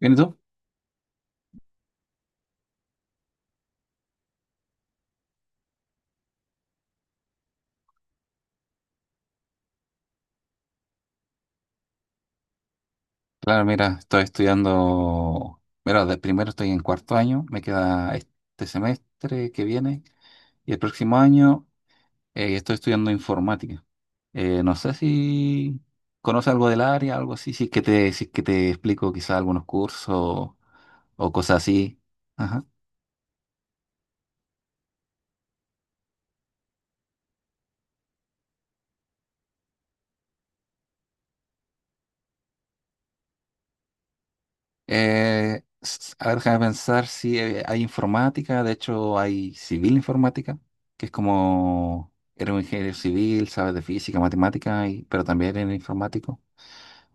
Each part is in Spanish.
¿Bien y tú? Claro, mira, estoy estudiando. Mira, de primero estoy en cuarto año, me queda este semestre que viene y el próximo año estoy estudiando informática. No sé si conoces algo del área, algo así, si es que te explico quizás algunos cursos o cosas así. Ajá. A ver, déjame pensar si hay informática, de hecho hay civil informática, que es como, eres un ingeniero civil, sabes de física, matemática, pero también eres informático.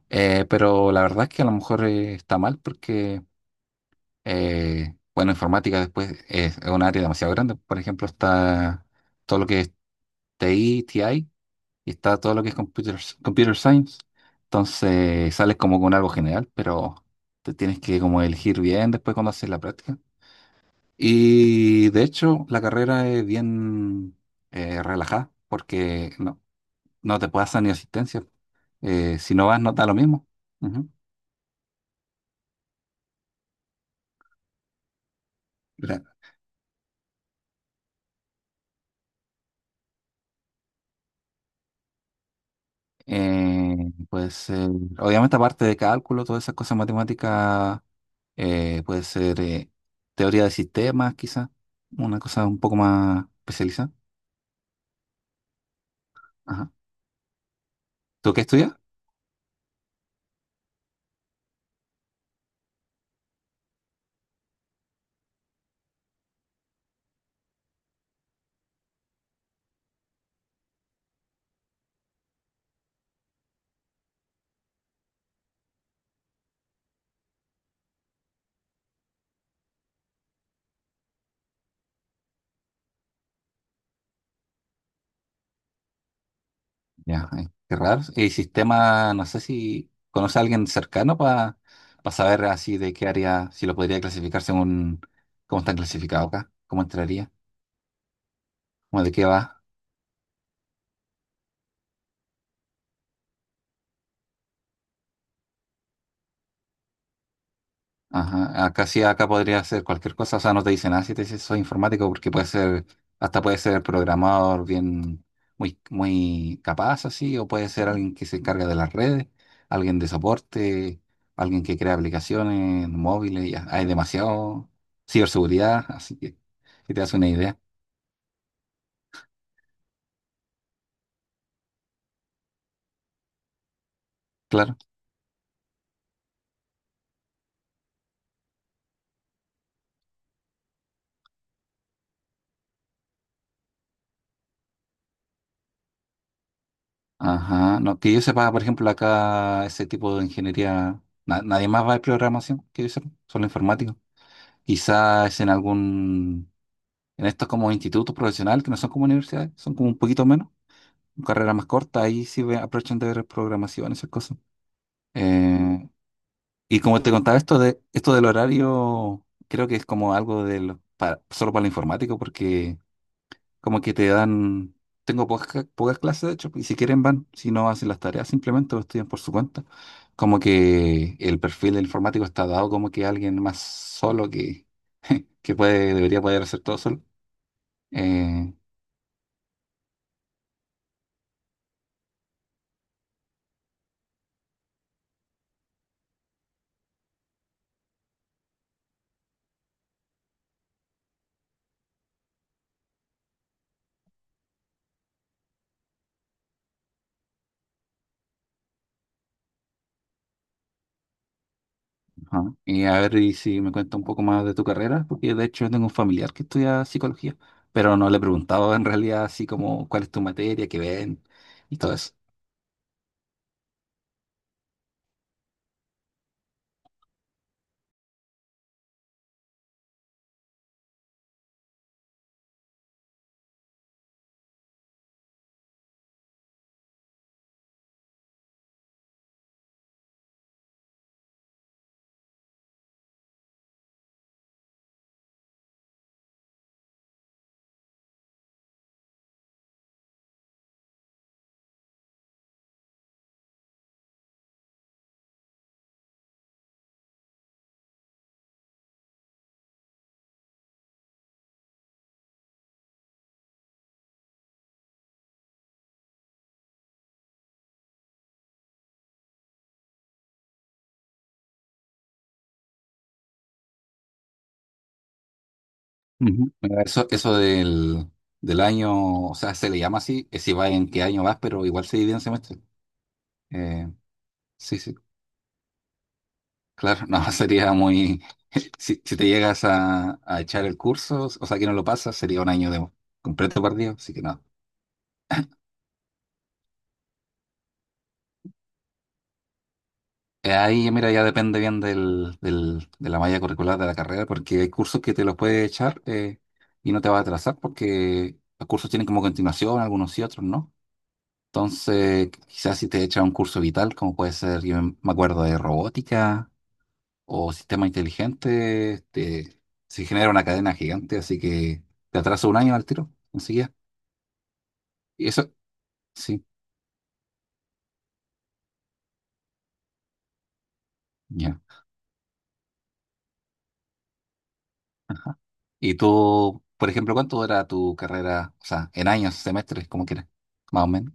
Pero la verdad es que a lo mejor está mal porque, bueno, informática después es un área demasiado grande. Por ejemplo, está todo lo que es TI y está todo lo que es computer science. Entonces sales como con algo general, pero te tienes que como elegir bien después cuando haces la práctica. Y de hecho la carrera es bien relajada porque no, no te pasan ni asistencia. Si no vas, no da lo mismo. Ujú. Claro. Eh, Puede ser, obviamente aparte de cálculo, todas esas cosas matemáticas, puede ser teoría de sistemas, quizás, una cosa un poco más especializada. ¿Tú qué estudias? Ya, ay, qué raro. Y sistema, no sé si conoce a alguien cercano para saber así de qué área, si lo podría clasificar según cómo están clasificados acá, cómo entraría, como de qué va. Ajá, acá sí, acá podría ser cualquier cosa, o sea, no te dice nada si te dices soy informático, porque puede ser, hasta puede ser programador bien, muy capaz así, o puede ser alguien que se encarga de las redes, alguien de soporte, alguien que crea aplicaciones móviles, ya, hay demasiado ciberseguridad, así que te das una idea, claro. Ajá, no, que yo sepa, por ejemplo, acá ese tipo de ingeniería, nadie más va de programación, que yo sepa, solo informático. Quizás en algún. En estos como institutos profesionales, que no son como universidades, son como un poquito menos, carreras más cortas, ahí aprovechan de ver programación, esas cosas. Eh, y como te contaba, esto del horario, creo que es como algo de para, solo para el informático, porque como que te dan, tengo pocas clases, de hecho, y si quieren van, si no hacen las tareas simplemente o estudian por su cuenta. Como que el perfil del informático está dado como que alguien más solo que, que puede, debería poder hacer todo solo. Eh, Ajá. A ver, si me cuenta un poco más de tu carrera, porque de hecho yo tengo un familiar que estudia psicología, pero no le he preguntado en realidad así como cuál es tu materia, qué ven y todo eso. Ujú. Bueno, eso del año, o sea, se le llama así, es si va en qué año vas, pero igual se divide en semestre. Eh, sí, sí, claro, no, sería muy... Si te llegas a echar el curso, o sea, que no lo pasas, sería un año de completo perdido, así que no. Ahí, mira, ya depende bien de la malla curricular de la carrera, porque hay cursos que te los puedes echar y no te va a atrasar, porque los cursos tienen como continuación, algunos y otros, ¿no? Entonces, quizás si te echas un curso vital, como puede ser, yo me acuerdo de robótica o sistema inteligente, se genera una cadena gigante, así que te atrasa un año al tiro, enseguida. Y eso, sí, ya. Ajá. Y tú, por ejemplo, ¿cuánto dura tu carrera? O sea, en años, semestres, como quieras, más o menos.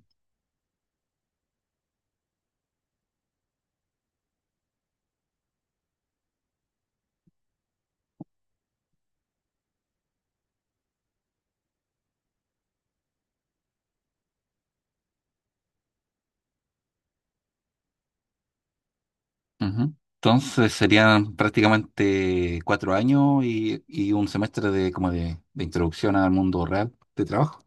Ujú. Entonces serían prácticamente 4 años y un semestre de de introducción al mundo real de trabajo.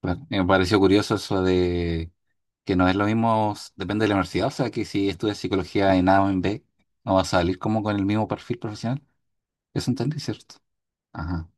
Claro. Me pareció curioso eso de que no es lo mismo, depende de la universidad, o sea que si estudias psicología en A o en B, no vas a salir como con el mismo perfil profesional. Eso entendí, ¿cierto? Ajá.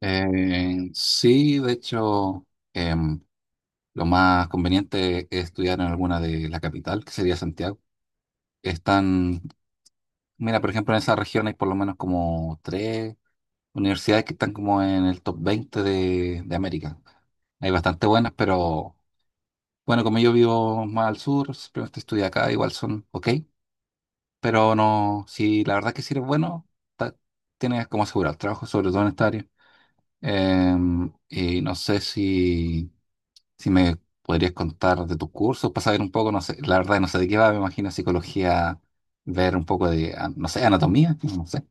Sí, de hecho. em, Lo más conveniente es estudiar en alguna de la capital, que sería Santiago. Están, mira, por ejemplo, en esa región hay por lo menos como tres universidades que están como en el top 20 de América. Hay bastante buenas, pero bueno, como yo vivo más al sur, simplemente estudié acá, igual son ok, pero no, si la verdad que si eres bueno, ta- tienes como asegurar el trabajo, sobre todo en esta área. Y no sé si, si me podrías contar de tus cursos para saber un poco, no sé, la verdad no sé de qué va, me imagino psicología, ver un poco de, ah, no sé, anatomía, no sé.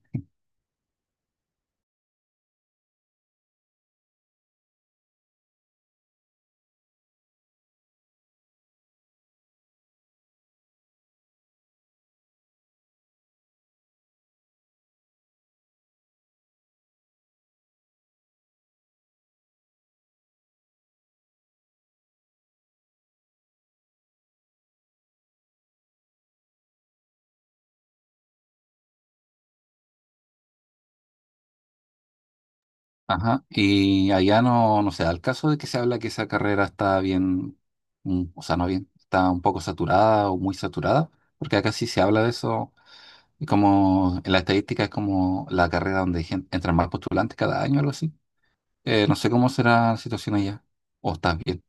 Ajá, y allá no, no sé, al caso de que se habla que esa carrera está bien, mm, o sea, no bien, está un poco saturada o muy saturada, porque acá sí se habla de eso, y como en la estadística es como la carrera donde hay entran más postulantes cada año, algo así. No sé cómo será la situación allá, o estás bien.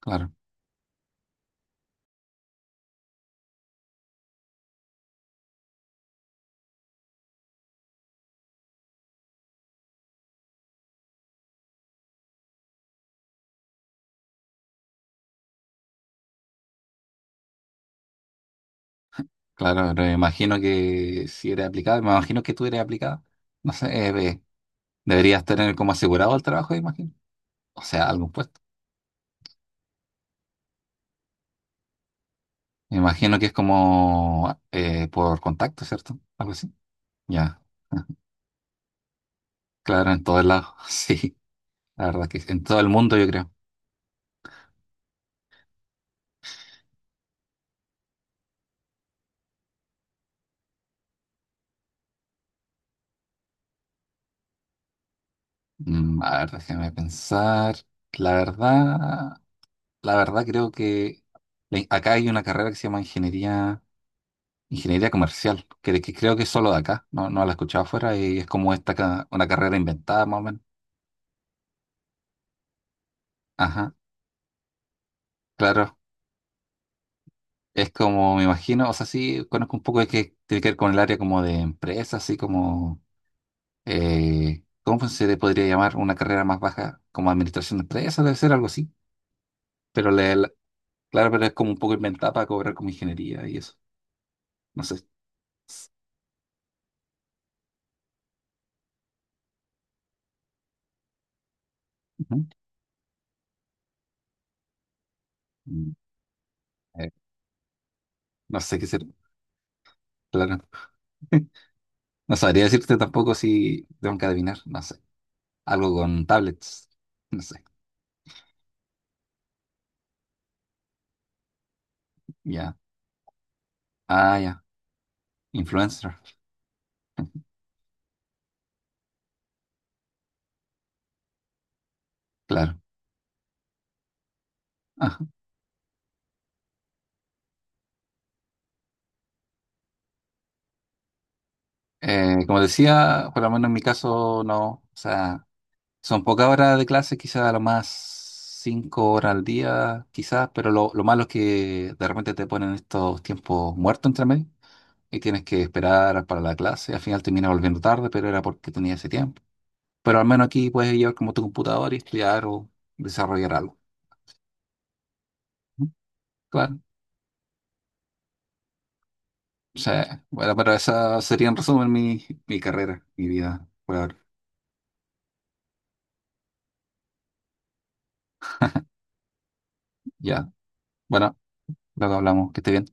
Claro, claro, pero me imagino que si eres aplicado, me imagino que tú eres aplicado. No sé, deberías tener como asegurado el trabajo, imagino. O sea, algún puesto. Me imagino que es como por contacto, ¿cierto? Algo así. Ya. Claro, en todos lados. Sí, la verdad que sí, en todo el mundo, yo creo. Mm, a ver, déjame pensar. La verdad, la verdad creo que acá hay una carrera que se llama ingeniería. Ingeniería comercial, que creo que es solo de acá, no, no la he escuchado afuera y es como una carrera inventada más o menos. Ajá, claro, es como me imagino, o sea, sí conozco un poco de que tiene que ver con el área como de empresa, así como, ¿cómo se le podría llamar una carrera más baja? Como administración de empresas, debe ser algo así, pero claro, pero es como un poco inventada para cobrar como ingeniería y eso, no sé. S- Ujú. Mm, eh, no sé qué ser, claro. No sabría decirte tampoco si tengo que adivinar, no sé. Algo con tablets. No sé. Ya. Ah, ya. Influencer. Claro. Ajá. Como decía, por lo menos en mi caso, no. O sea, son pocas horas de clase, quizás a lo más 5 horas al día, quizás, pero lo malo es que de repente te ponen estos tiempos muertos entre medio y tienes que esperar para la clase. Al final terminas volviendo tarde, pero era porque tenía ese tiempo. Pero al menos aquí puedes llevar como tu computador y estudiar o desarrollar algo. Ujú. Claro. O sea, bueno, pero esa sería en resumen mi carrera, mi vida por ahora. Ya, bueno, luego hablamos, que esté bien.